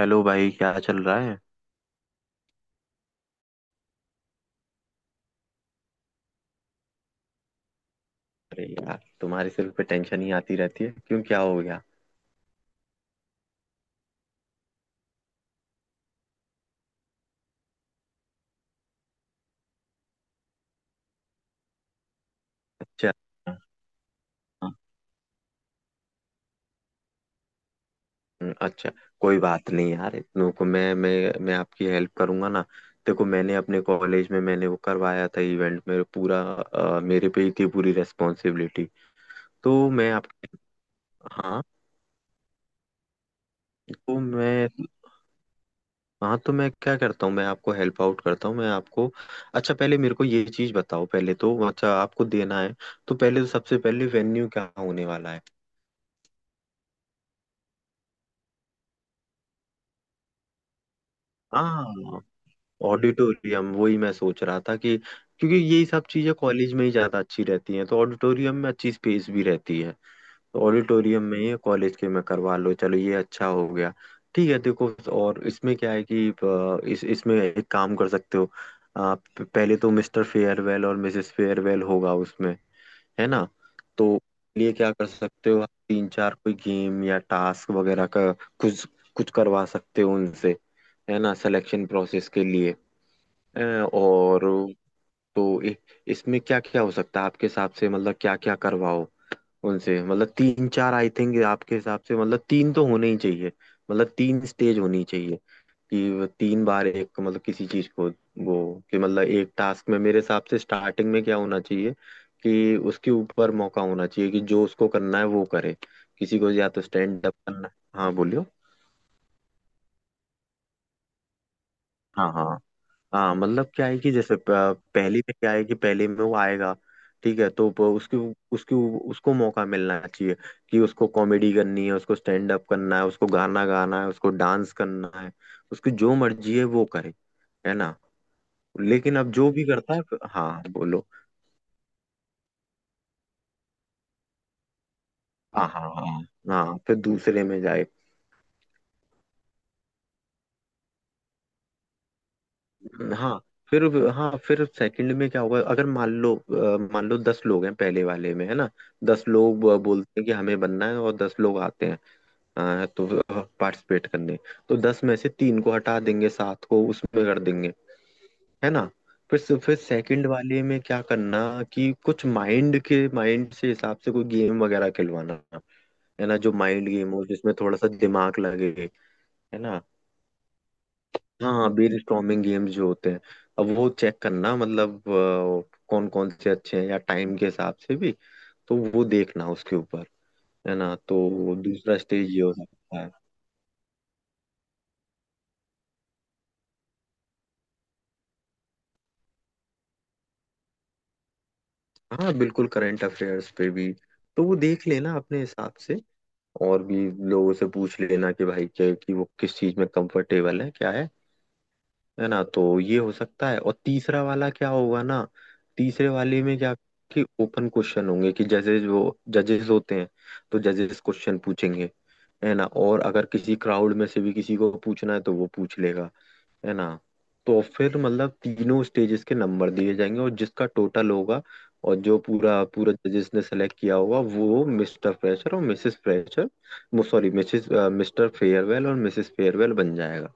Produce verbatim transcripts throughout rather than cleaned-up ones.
Hello भाई, क्या चल रहा है। अरे यार, तुम्हारे सिर पे टेंशन ही आती रहती है। क्यों, क्या हो गया? अच्छा। हाँ। हम्म, अच्छा। कोई बात नहीं यार, इतनों को मैं मैं मैं आपकी हेल्प करूंगा ना। देखो, मैंने अपने कॉलेज में मैंने वो करवाया था इवेंट, मेरे पूरा अ, मेरे पे ही थी पूरी रेस्पॉन्सिबिलिटी। तो मैं आपके। हाँ तो मैं। हाँ तो मैं क्या करता हूँ, मैं आपको हेल्प आउट करता हूँ, मैं आपको। अच्छा, पहले मेरे को ये चीज बताओ, पहले तो अच्छा आपको देना है तो पहले तो सबसे पहले वेन्यू क्या होने वाला है। हाँ, ऑडिटोरियम वही मैं सोच रहा था कि क्योंकि यही सब चीजें कॉलेज में ही ज्यादा अच्छी रहती हैं, तो ऑडिटोरियम में अच्छी स्पेस भी रहती है। तो ऑडिटोरियम में ही कॉलेज के में करवा लो, चलो ये अच्छा हो गया। ठीक है देखो, और इसमें क्या है कि अ, इस इसमें एक काम कर सकते हो। आप पहले तो मिस्टर फेयरवेल और मिसेस फेयरवेल होगा उसमें, है ना, तो लिए क्या कर सकते हो आप तीन चार कोई गेम या टास्क वगैरह का, कुछ कुछ करवा सकते हो उनसे, है ना, सिलेक्शन प्रोसेस के लिए। अ, और तो इ, इसमें क्या क्या हो सकता है आपके हिसाब से, मतलब क्या क्या करवाओ उनसे, मतलब तीन चार आई थिंक आपके हिसाब से, मतलब तीन तो होने ही चाहिए, मतलब तीन स्टेज होनी चाहिए कि वो तीन बार एक, मतलब किसी चीज को वो, कि मतलब एक टास्क में मेरे हिसाब से स्टार्टिंग में क्या होना चाहिए, कि उसके ऊपर मौका होना चाहिए कि जो उसको करना है वो करे, किसी को या तो स्टैंड अप करना। हाँ बोलियो। हाँ, हाँ, हाँ, मतलब क्या है कि जैसे प- पहली में क्या है कि पहले में वो आएगा, ठीक है तो प- उसकी उसकी उसको मौका मिलना चाहिए कि उसको कॉमेडी करनी है, उसको स्टैंड अप करना है, उसको गाना गाना है, उसको डांस करना है, उसकी जो मर्जी है वो करे, है ना। लेकिन अब जो भी करता है फिर- हाँ बोलो। हाँ, हाँ, हाँ, हाँ फिर दूसरे में जाए। हाँ फिर हाँ फिर सेकंड में क्या होगा, अगर मान लो अ, मान लो दस लोग हैं पहले वाले में, है ना, दस लोग अ, बोलते हैं कि हमें बनना है और दस लोग आते हैं, अ, तो पार्टिसिपेट करने, तो दस में से तीन को हटा देंगे, सात को उसमें कर देंगे, है ना। फिर से- फिर सेकंड वाले में क्या करना, कि कुछ माइंड के, माइंड से हिसाब से कोई गेम वगैरह खिलवाना, है ना, जो माइंड गेम हो जिसमें थोड़ा सा दिमाग लगे, है ना। हाँ, बीयर स्टॉर्मिंग गेम्स जो होते हैं, अब वो चेक करना, मतलब कौन कौन से अच्छे हैं या टाइम के हिसाब से भी, तो वो देखना उसके ऊपर, है ना, तो दूसरा स्टेज ये हो सकता है। हाँ बिल्कुल, करंट अफेयर्स पे भी, तो वो देख लेना अपने हिसाब से और भी लोगों से पूछ लेना कि भाई क्या, कि वो किस चीज में कंफर्टेबल है, क्या है है ना, तो ये हो सकता है। और तीसरा वाला क्या होगा ना, तीसरे वाले में क्या, कि ओपन क्वेश्चन होंगे कि जजेस, वो जजेस होते हैं तो जजेस क्वेश्चन पूछेंगे, है ना, और अगर किसी क्राउड में से भी किसी को पूछना है तो वो पूछ लेगा, है ना। तो फिर मतलब तीनों स्टेजेस के नंबर दिए जाएंगे और जिसका टोटल होगा, और जो पूरा पूरा जजेस ने सेलेक्ट किया होगा, वो मिस्टर फ्रेशर और mrs fresher, sorry mrs, mister farewell और मिसेस फेयरवेल बन जाएगा।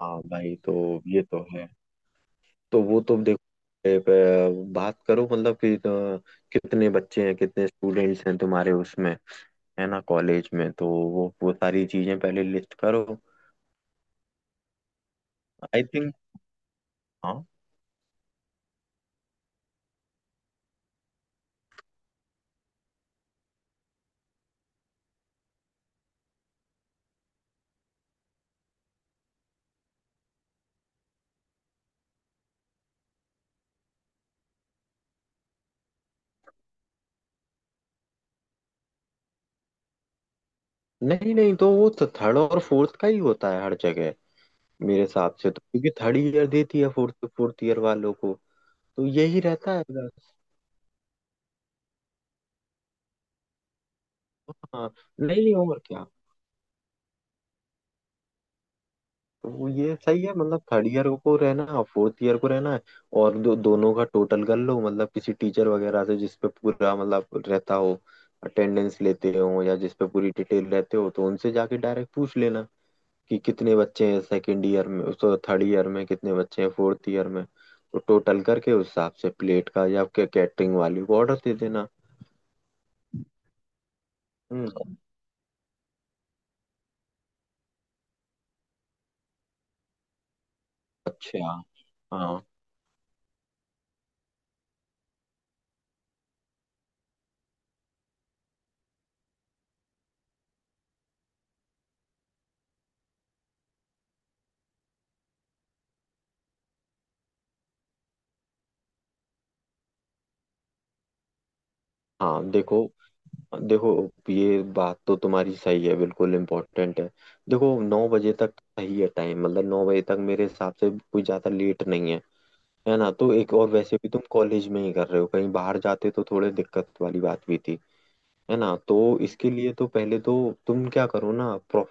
हाँ भाई, तो ये तो है, तो वो तुम देखो, ए, प- बात करो मतलब कि अ, कितने बच्चे हैं, कितने स्टूडेंट्स हैं तुम्हारे उसमें, है ना, कॉलेज में, तो वो वो सारी चीजें पहले लिस्ट करो, आई थिंक। हाँ। नहीं नहीं, तो वो थर्ड और फोर्थ का ही होता है हर जगह, मेरे हिसाब से, तो क्योंकि थर्ड ईयर देती है फोर्थ फोर्थ ईयर वालों को, तो यही रहता है बस। हाँ। नहीं नहीं, और क्या, वो ये सही है, मतलब थर्ड ईयर को रहना फोर्थ ईयर को रहना है, और दो, दोनों का टोटल कर लो, मतलब किसी टीचर वगैरह से जिस पे पूरा मतलब रहता हो, अटेंडेंस लेते हो या जिस पे पूरी डिटेल रहते हो, तो उनसे जाके डायरेक्ट पूछ लेना कि कितने बच्चे हैं सेकंड ईयर में, सो थर्ड ईयर में कितने बच्चे हैं, फोर्थ ईयर में, तो टोटल करके उस हिसाब से प्लेट का या कैटरिंग वाले को ऑर्डर दे देना। हम्म। अच्छा। हाँ हाँ। देखो देखो, ये बात तो तुम्हारी सही है, बिल्कुल इम्पोर्टेंट है। देखो, नौ बजे तक सही है टाइम, मतलब नौ बजे तक मेरे हिसाब से कोई ज्यादा लेट नहीं है, है ना, तो एक, और वैसे भी तुम कॉलेज में ही कर रहे हो, कहीं बाहर जाते तो थोड़े दिक्कत वाली बात भी थी, है ना, तो इसके लिए तो पहले तो तुम क्या करो ना, प्रो,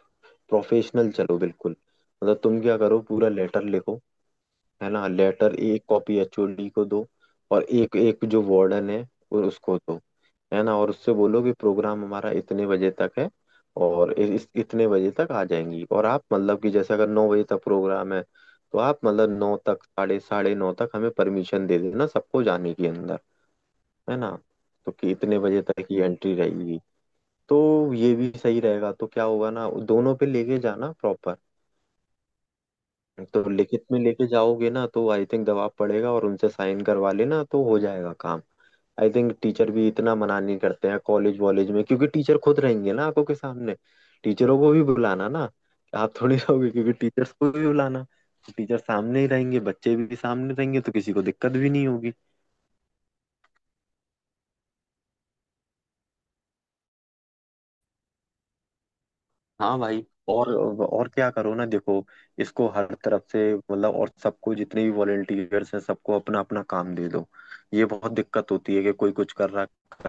प्रोफेशनल चलो बिल्कुल, मतलब तुम क्या करो पूरा लेटर लिखो, है ना, लेटर एक कॉपी एच ओ डी को दो, और एक एक जो वार्डन है, और उसको दो, है ना, और उससे बोलो कि प्रोग्राम हमारा इतने बजे तक है, और इ- इस इतने बजे तक आ जाएंगी, और आप मतलब कि जैसे अगर नौ बजे तक प्रोग्राम है तो आप मतलब नौ तक, साढ़े साढ़े नौ तक हमें परमिशन दे देना सबको जाने के अंदर, है ना, तो कि इतने बजे तक ही एंट्री रहेगी, तो ये भी सही रहेगा, तो क्या होगा ना, दोनों पे लेके जाना प्रॉपर। तो लिखित में लेके जाओगे ना तो आई थिंक दबाव पड़ेगा, और उनसे साइन करवा लेना तो हो जाएगा काम। आई थिंक टीचर भी इतना मना नहीं करते हैं कॉलेज वॉलेज में, क्योंकि टीचर खुद रहेंगे ना आंखों के सामने। टीचरों को भी बुलाना ना, आप थोड़ी रहोगे, क्योंकि टीचर्स को भी बुलाना, टीचर सामने ही रहेंगे, बच्चे भी सामने रहेंगे, तो किसी को दिक्कत भी नहीं होगी। हाँ भाई। और और क्या करो ना देखो, इसको हर तरफ से, मतलब और सबको जितने भी वॉलेंटियर्स हैं सबको अपना अपना काम दे दो। ये बहुत दिक्कत होती है कि कोई कुछ कर रहा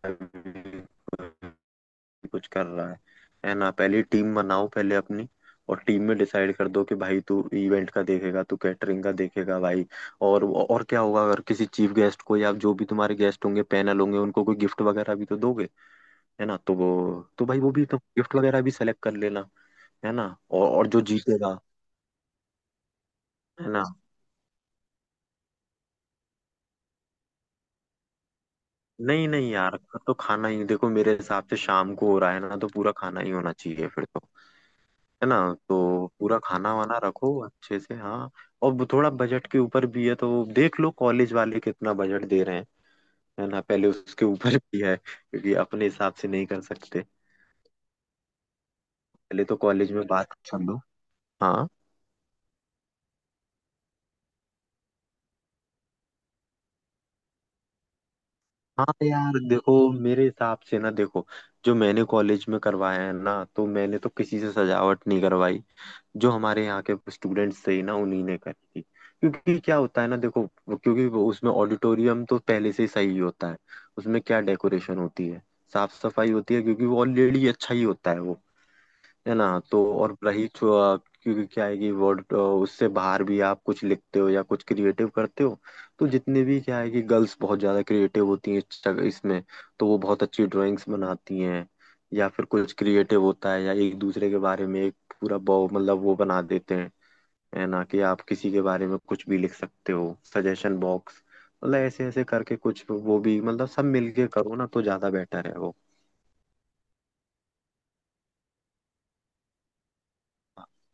है, कोई कुछ कर रहा है है ना, पहले टीम बनाओ पहले अपनी। और टीम में डिसाइड कर दो कि भाई तू इवेंट का देखेगा, तू कैटरिंग का देखेगा भाई। और और क्या होगा, अगर किसी चीफ गेस्ट को या जो भी तुम्हारे गेस्ट होंगे, पैनल होंगे, उनको कोई गिफ्ट वगैरह भी तो दोगे, है ना, तो वो, तो भाई वो भी तो गिफ्ट वगैरह भी सेलेक्ट कर लेना, है ना, और और जो जीतेगा, है ना। नहीं नहीं यार, तो खाना ही देखो, मेरे हिसाब से शाम को हो रहा है ना, तो पूरा खाना ही होना चाहिए फिर तो, है ना, तो पूरा खाना वाना रखो अच्छे से। हाँ। और वो थोड़ा बजट के ऊपर भी है, तो देख लो कॉलेज वाले कितना बजट दे रहे हैं, है ना, पहले उसके ऊपर भी है क्योंकि अपने हिसाब से नहीं कर सकते, पहले तो कॉलेज में बात कर लो। हाँ हाँ यार, देखो, मेरे हिसाब से ना, देखो, जो मैंने कॉलेज में करवाया है ना, तो मैंने तो किसी से सजावट नहीं करवाई। जो हमारे यहाँ के स्टूडेंट्स थे ना उन्हीं ने करी थी, क्योंकि क्या होता है ना देखो, वो- क्योंकि वो उसमें ऑडिटोरियम तो पहले से ही सही होता है, उसमें क्या डेकोरेशन होती है, साफ सफाई होती है, क्योंकि वो ऑलरेडी अच्छा ही होता है वो, है ना, तो और रही छो- क्योंकि क्या है कि वर्ड उससे बाहर भी आप कुछ लिखते हो या कुछ क्रिएटिव करते हो। तो जितने भी क्या है कि गर्ल्स बहुत ज्यादा क्रिएटिव होती हैं इस जगह- इसमें, तो वो बहुत अच्छी ड्राइंग्स बनाती हैं, या फिर कुछ क्रिएटिव होता है या एक दूसरे के बारे में एक पूरा बहु- मतलब वो बना देते हैं, है ना, कि आप किसी के बारे में कुछ भी लिख सकते हो, सजेशन बॉक्स, मतलब ऐसे ऐसे करके कुछ, वो भी मतलब सब मिलके करो ना तो ज्यादा बेटर है वो।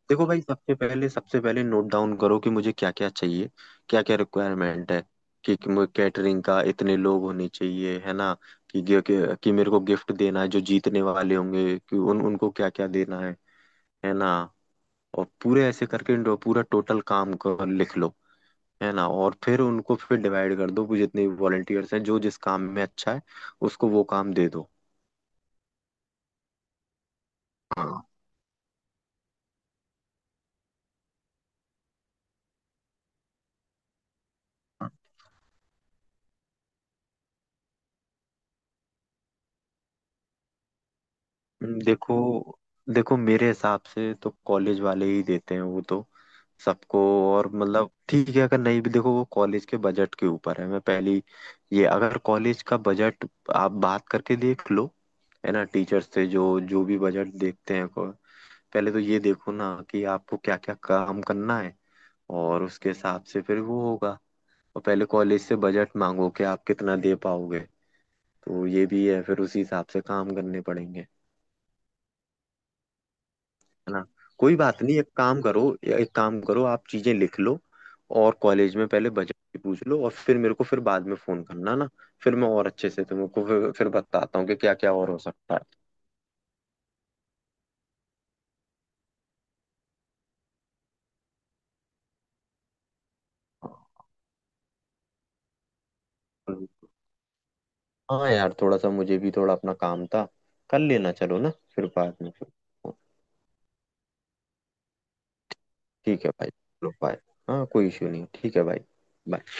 देखो भाई, सबसे पहले सबसे पहले नोट डाउन करो कि मुझे क्या क्या चाहिए, क्या क्या रिक्वायरमेंट है, कि, कि कैटरिंग का इतने लोग होने चाहिए, है ना, कि, कि, कि, कि मेरे को गिफ्ट देना है जो जीतने वाले होंगे, कि उन उनको क्या क्या देना है है ना, और पूरे ऐसे करके इन- पूरा टोटल काम को लिख लो, है ना, और फिर उनको फिर डिवाइड कर दो कि जितने भी वॉलंटियर्स हैं जो जिस काम में अच्छा है, उसको वो काम दे दो। हाँ। हम्म, देखो, देखो मेरे हिसाब से तो कॉलेज वाले ही देते हैं वो तो सबको, और मतलब ठीक है, अगर नहीं भी, देखो वो कॉलेज के बजट के ऊपर है, मैं पहली, ये अगर कॉलेज का बजट, आप बात करके देख लो, है ना, टीचर से जो जो भी बजट देखते हैं को- पहले तो ये देखो ना कि आपको क्या क्या काम करना है, और उसके हिसाब से फिर वो होगा, और पहले कॉलेज से बजट मांगो कि आप कितना दे पाओगे, तो ये भी है फिर उसी हिसाब से काम करने पड़ेंगे, है ना। कोई बात नहीं, एक काम करो, या एक काम करो आप चीजें लिख लो, और कॉलेज में पहले बजट की पूछ लो और फिर मेरे को फिर बाद में फोन करना ना, फिर मैं और अच्छे से तुमको फिर, फिर बताता हूँ कि क्या क्या और हो सकता है। हाँ यार, थोड़ा सा मुझे भी थोड़ा अपना काम था, कर लेना चलो ना फिर बाद में फिर। ठीक है भाई, चलो बाय। हाँ, कोई इश्यू नहीं, ठीक है भाई। Bye.